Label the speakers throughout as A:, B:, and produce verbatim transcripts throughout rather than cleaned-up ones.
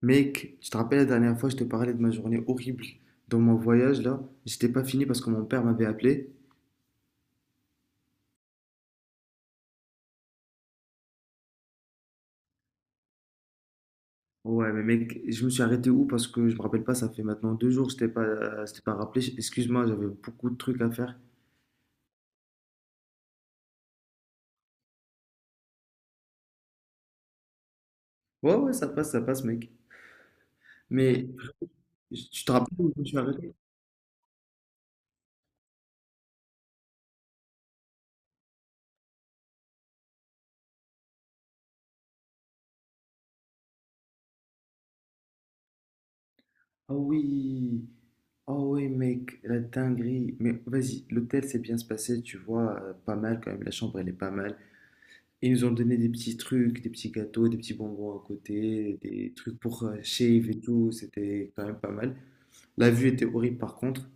A: Mec, tu te rappelles la dernière fois, je te parlais de ma journée horrible dans mon voyage là. J'étais pas fini parce que mon père m'avait appelé. Ouais, mais mec, je me suis arrêté où parce que je me rappelle pas, ça fait maintenant deux jours que je t'ai pas, euh, je t'ai pas rappelé. Excuse-moi, j'avais beaucoup de trucs à faire. Ouais, ouais, ça passe, ça passe, mec. Mais tu te rappelles où je me suis arrêté? Ah oui, ah oui, mec, la dinguerie. Mais vas-y, l'hôtel s'est bien se passé, tu vois, euh, pas mal quand même. La chambre, elle est pas mal. Ils nous ont donné des petits trucs, des petits gâteaux, des petits bonbons à côté, des trucs pour euh, shave et tout. C'était quand même pas mal. La vue était horrible par contre.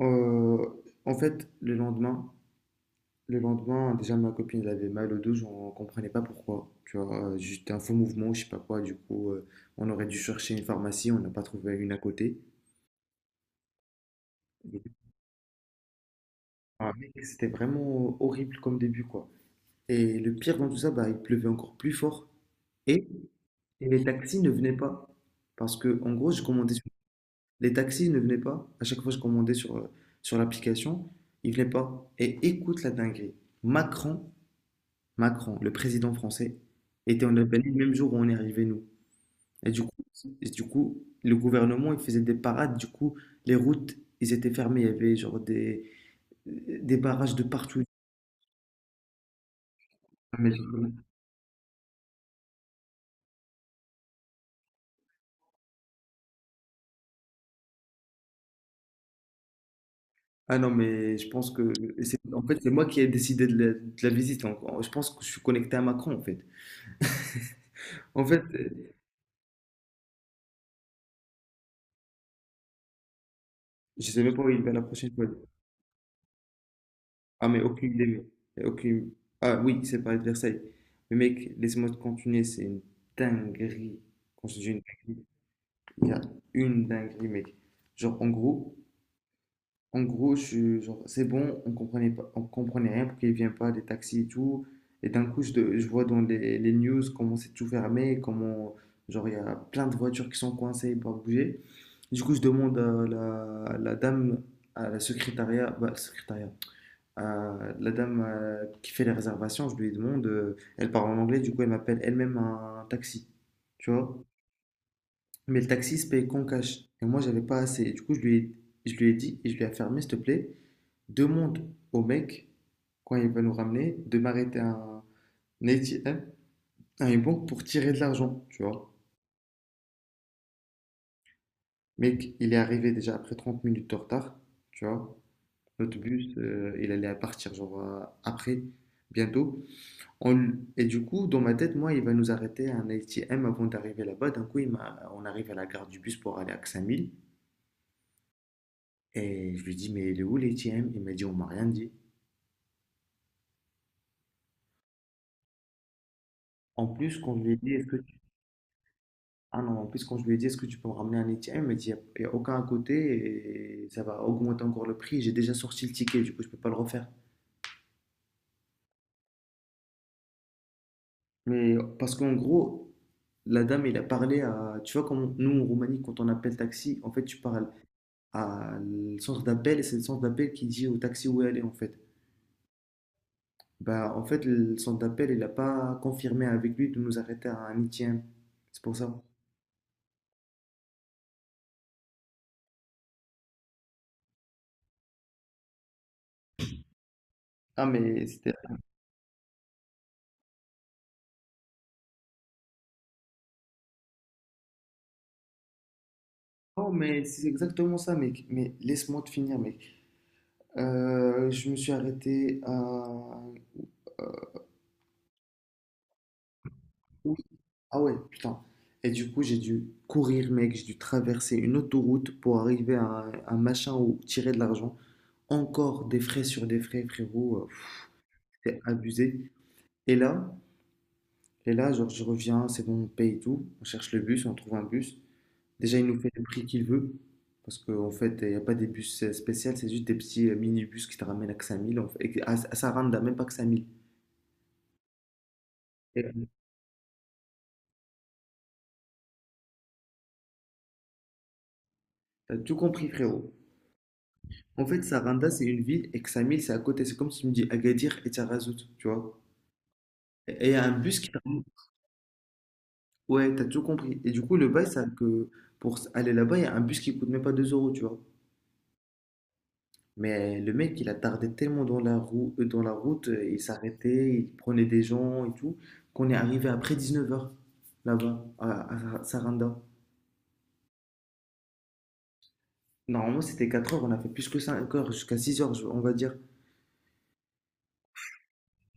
A: Euh, en fait, le lendemain, le lendemain, déjà ma copine elle avait mal au dos, j'en comprenais pas pourquoi. Tu vois, euh, juste un faux mouvement, je sais pas quoi. Du coup, euh, on aurait dû chercher une pharmacie, on n'a pas trouvé une à côté. Ah, mec, C'était vraiment horrible comme début, quoi. Et le pire dans tout ça, bah, il pleuvait encore plus fort. Et Et les taxis ne venaient pas. Parce que, en gros, je commandais sur... Les taxis ne venaient pas. À chaque fois, je commandais sur, euh, sur l'application. Ils venaient pas. Et écoute la dinguerie. Macron, Macron, le président français, était en Albanie le même jour où on est arrivé, nous. Et du coup, et du coup, le gouvernement, il faisait des parades. Du coup, les routes, ils étaient fermés. Il y avait genre des, des barrages de partout. Ah, Mais je- Ah non, mais je pense que... c'est- En fait, c'est moi qui ai décidé de la, de la visite. En- en- Je pense que je suis connecté à Macron, en fait. En fait, euh, je sais même pas où il va la prochaine fois. Ah, mais aucune idée, mais- mais aucune... Ah oui, c'est Paris de Versailles. Mais mec, laisse-moi te continuer, c'est une dinguerie. Quand je dis une dinguerie, il y a une dinguerie, mec. Genre, en gros, En gros, je suis genre, c'est bon, on comprenait pas, on comprenait rien, pourquoi il vient pas, des taxis et tout. Et d'un coup, je, de- je vois dans les, les news comment c'est tout fermé, comment, genre, il y a plein de voitures qui sont coincées, pas bouger. Du coup, je demande à la, la dame, à la secrétariat, bah, secrétariat, à la dame euh, qui fait les réservations, je lui demande, euh, elle parle en anglais, du coup, elle m'appelle elle-même un taxi, tu vois. Mais le taxi se paye qu'en cash. Et moi, j'avais pas assez. Du coup, je lui ai, je lui ai dit, et je lui ai affirmé, s'il te plaît demande au mec, quand il va nous ramener, de m'arrêter à un A T M, à une banque pour tirer de l'argent, tu vois. Mec, il est arrivé déjà après trente minutes de retard, tu vois. Notre bus, euh, il allait partir genre euh, après, bientôt. On- et du coup, dans ma tête, moi, il va nous arrêter à un A T M avant d'arriver là-bas. D'un coup, il m'a- on arrive à la gare du bus pour aller à Xamil. Et je lui dis, mais il est où l'A T M? Il m'a dit, on m'a rien dit. En plus, quand je lui ai dit, est-ce que Ah non, En plus, quand je lui ai dit, est-ce que tu peux me ramener un étier? Il m'a dit, il n'y a, y a aucun à côté et ça va augmenter encore le prix. J'ai déjà sorti le ticket, du coup, je peux pas le refaire. Mais parce qu'en gros, la dame, il a parlé à. Tu vois, comme nous, en Roumanie, quand on appelle taxi, en fait, tu parles à le centre d'appel et c'est le centre d'appel qui dit au taxi où aller, en fait. Bah, en fait, le centre d'appel, il n'a pas confirmé avec lui de nous arrêter à un étier. C'est pour ça. Ah, mais c'était. Oh, mais c'est exactement ça, mec. Mais laisse-moi te finir, mec. Euh, je me suis arrêté à... Oui. Ah ouais, putain. Et du coup, j'ai dû courir, mec. J'ai dû traverser une autoroute pour arriver à un, un machin où tirer de l'argent. Encore des frais sur des frais, frérot. euh, pff, C'est abusé. Et là, et là, genre, je reviens, c'est bon, on paye tout. On cherche le bus, on trouve un bus. Déjà, il nous fait le prix qu'il veut. Parce qu'en fait, il n'y a pas des bus euh, spéciaux, c'est juste des petits euh, minibus qui te ramènent à cinq mille. En fait, et que- à, à Saranda, même pas que cinq mille. Et, euh, T'as tout compris, frérot. En fait, Saranda, c'est une ville et Ksamil, c'est à côté. C'est comme si tu me dis Agadir et Tarazout, tu vois. Et il y a un bus qui te ramène- Ouais, t'as tout compris. Et du coup, le bail, c'est que pour aller là-bas, il y a un bus qui coûte même pas deux euros, tu vois. Mais le mec, il a tardé tellement dans la roue, euh, dans la route, euh, il s'arrêtait, il prenait des gens et tout, qu'on est arrivé après dix-neuf heures là-bas, à, à Saranda. Normalement, c'était quatre heures, on a fait plus que cinq heures, jusqu'à six heures, je- on va dire.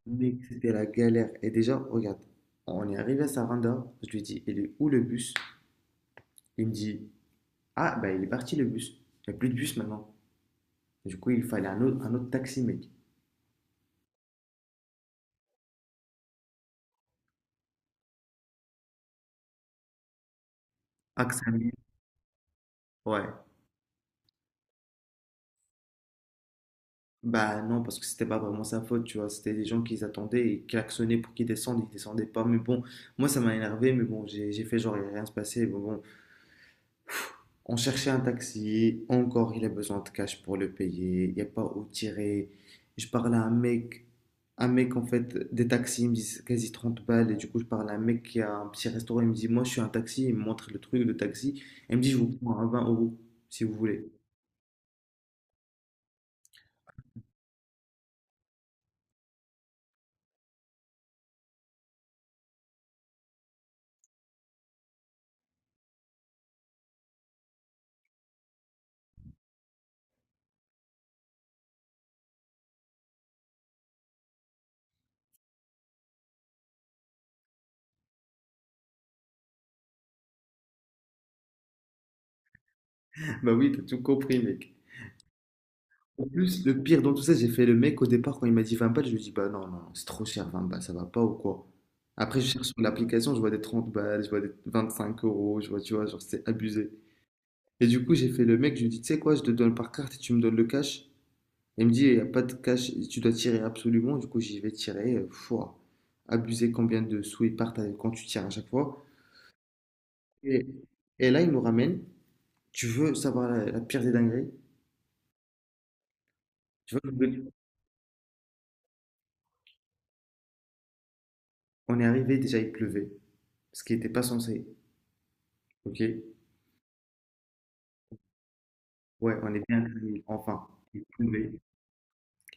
A: Mec, c'était la galère. Et déjà, regarde, on est arrivé à Saranda. Je lui dis, il est où le bus? Il me dit, ah, bah, il est parti le bus. Il n'y a plus de bus maintenant. Du coup, il fallait un autre, un autre taxi, mec. Axamil. Ouais. Bah, non, parce que c'était pas vraiment sa faute, tu vois. C'était des gens qui attendaient et klaxonnaient pour qu'ils descendent. Ils descendaient pas. Mais bon, moi, ça m'a énervé. Mais bon, j'ai j'ai fait genre, il n'y a rien se passé. Bon, bon, on cherchait un taxi, encore il a besoin de cash pour le payer, il n'y a pas où tirer. Je parle à un mec, un mec en fait, des taxis, il me dit quasi trente balles, et du coup je parle à un mec qui a un petit restaurant, il me dit moi je suis un taxi, il me montre le truc, le taxi, et il me dit je vous prends à vingt euros si vous voulez. Bah oui, t'as tout compris mec. En plus, le pire dans tout ça, j'ai fait le mec au départ quand il m'a dit vingt balles, je lui ai dit bah non, non, non, c'est trop cher vingt balles, ça va pas ou quoi? Après je cherche sur l'application, je vois des trente balles, je vois des vingt-cinq euros, je vois, tu vois, genre c'est abusé. Et du coup, j'ai fait le mec, je lui ai dit, tu sais quoi, je te donne par carte et tu me donnes le cash. Il me dit, il n'y a pas de cash, tu dois tirer absolument. Du coup, j'y vais tirer. euh, Fouah, abuser combien de sous ils partent avec- quand tu tires à chaque fois. Et, et là, il nous ramène. Tu veux savoir la, la pire des dingueries? Tu vois, on est arrivé, déjà, il pleuvait. Ce qui n'était pas censé. Ok? Ouais, on est bien arrivé. Enfin, il pleuvait.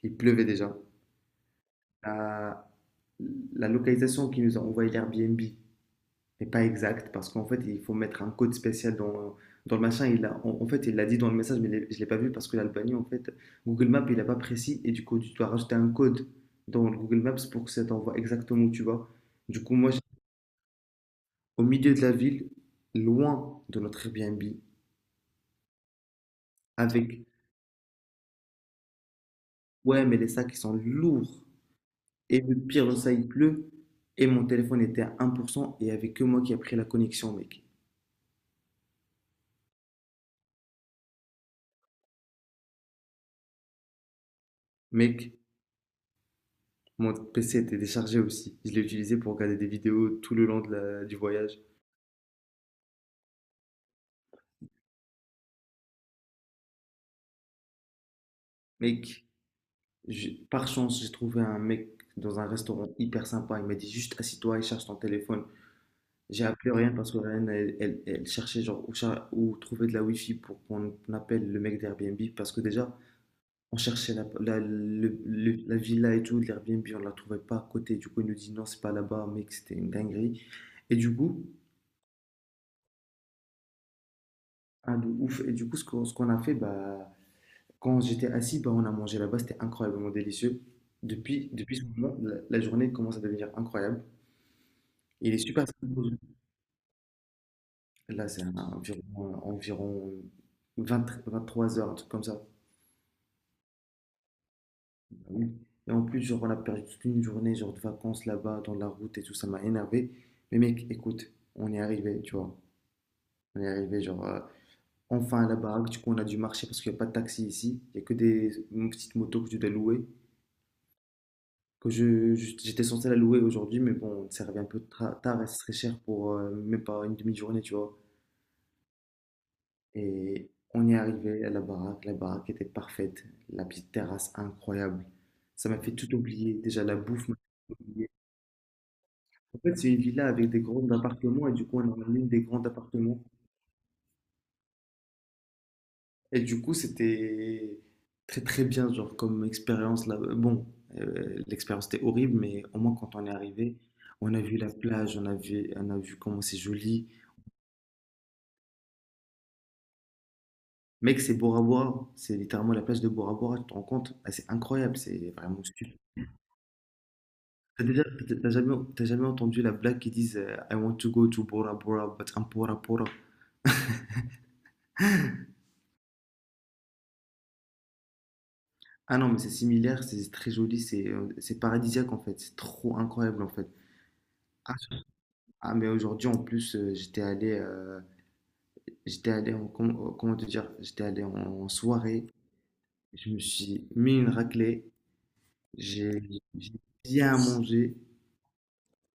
A: Il pleuvait déjà. La, la localisation qui nous a envoyé l'Airbnb, mais pas exact, parce qu'en fait, il faut mettre un code spécial dans, dans le machin. Il a, en, en fait, il l'a dit dans le message, mais je ne l'ai pas vu parce que l'Albanie, en fait, Google Maps, il n'a pas précis, et du coup, tu dois rajouter un code dans le Google Maps pour que ça t'envoie exactement où tu vas. Du coup, moi, j'étais au milieu de la ville, loin de notre Airbnb, avec, ouais, mais les sacs, ils sont lourds. Et le pire dans ça, il pleut, et mon téléphone était à un pour cent, et il n'y avait que moi qui a pris la connexion, mec. Mec, mon P C était déchargé aussi. Je l'ai utilisé pour regarder des vidéos tout le long de la- du voyage. Mec, j'ai- par chance, j'ai trouvé un mec dans un restaurant hyper sympa. Il m'a dit juste assis-toi et cherche ton téléphone. J'ai appelé rien parce que Ryan, elle, elle- elle cherchait genre où, cher où trouver de la wifi pour qu'on appelle le mec d'Airbnb parce que déjà, on cherchait la, la- le- le- la villa et tout, de l'Airbnb, on la trouvait pas à côté. Du coup, il nous dit non, c'est pas là-bas, mec, c'était une dinguerie. Et du coup, un de ouf. Et du coup, ce qu'on ce qu'on a fait, bah, quand j'étais assis, bah, on a mangé là-bas, c'était incroyablement délicieux. Depuis, depuis ce moment, la, la journée commence à devenir incroyable. Il est super sympa. Là, c'est un- environ, environ vingt vingt-trois heures, un truc comme ça. Oui. Et en plus, genre, on a perdu toute une journée, genre, de vacances là-bas, dans la route et tout, ça m'a énervé. Mais mec, écoute, on est arrivé, tu vois. On est arrivé, genre, euh, enfin à la baraque. Du coup, on a dû marcher parce qu'il n'y a pas de taxi ici. Il n'y a que des petites motos que tu dois louer. Que je, je- j'étais censé la louer aujourd'hui, mais bon, ça revient un peu tra- tard et ce serait cher pour euh, même pas une demi-journée, tu vois. Et on est arrivé à la baraque, la baraque était parfaite, la petite terrasse incroyable. Ça m'a fait tout oublier, déjà la bouffe m'a fait tout oublier. En fait, c'est une villa avec des grands appartements et du coup, on a ramené des grands appartements. Et du coup, c'était très très bien, genre comme expérience là. Bon, euh, l'expérience était horrible, mais au moins quand on est arrivé, on a vu la plage, on a vu, on a vu comment c'est joli. Mec, c'est Bora Bora. C'est littéralement la plage de Bora Bora, tu te rends compte? Ah, c'est incroyable, c'est vraiment stupide. T'as déjà, t'as jamais, t'as jamais entendu la blague qui disent euh, I want to go to Bora Bora, but I'm Bora Bora. Ah non, mais c'est similaire, c'est très joli, c'est euh, c'est paradisiaque en fait, c'est trop incroyable en fait. Ah, ah, mais aujourd'hui en plus, euh, j'étais allé, euh, j'étais allé en, com- euh, comment te dire, j'étais allé en, en soirée, je me suis mis une raclée, j'ai j'ai bien mangé.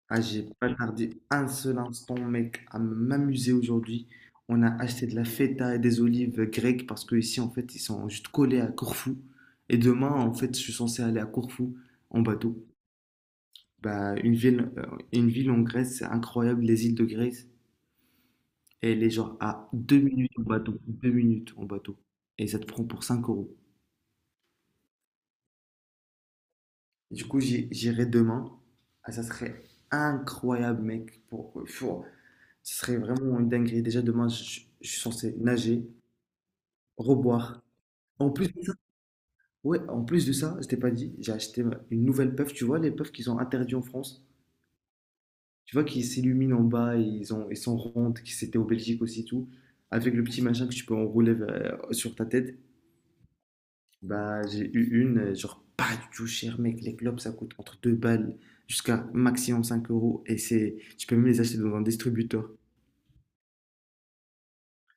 A: Ah, j'ai pas tardé un seul instant, mec, à m'amuser aujourd'hui. On a acheté de la feta et des olives grecques parce que ici, en fait, ils sont juste collés à Corfou. Et demain, en fait, je suis censé aller à Corfou en bateau. Bah, une ville, euh, une ville en Grèce, c'est incroyable, les îles de Grèce. Et elle est genre à deux minutes en bateau, deux minutes en bateau. Et ça te prend pour cinq euros. Du coup, j'y- j'irai demain. Ah, ça serait incroyable, mec. Pour, pour- Ce serait vraiment une dinguerie. Déjà, demain, je, je suis censé nager, reboire. En plus de ça, ouais, en plus de ça, je t'ai pas dit, j'ai acheté une nouvelle puff. Tu vois, les puffs qu'ils ont interdits en France. Tu vois, qui s'illuminent en bas et ils ont, ils sont rondes, qui c'était au Belgique aussi, tout. Avec le petit machin que tu peux enrouler euh, sur ta tête. Bah, j'ai eu une, euh, genre pas du tout cher, mec. Les globes, ça coûte entre deux balles jusqu'à maximum cinq euros. Et c'est, tu peux même les acheter dans un distributeur.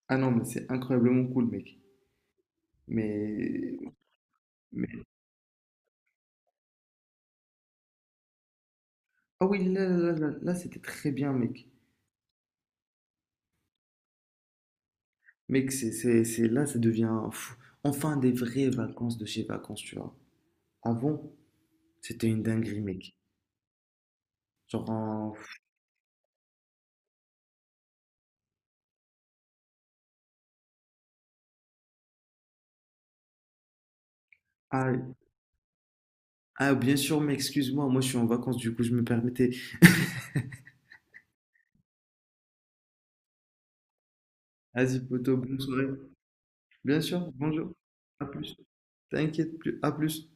A: Ah non, mais c'est incroyablement cool, mec. Mais Ah oui, là, là, là, là, c'était très bien, mec. Mec, c'est, c'est, c'est, là, ça devient pff, enfin des vraies vacances de chez vacances, tu vois. Avant, c'était une dinguerie, mec. Genre, en- pff, ah, ah, bien sûr, mec, excuse-moi, moi je suis en vacances, du coup, je me permettais. Vas-y, poto, bonne soirée. Bien sûr, bonjour, à plus. T'inquiète plus, à plus.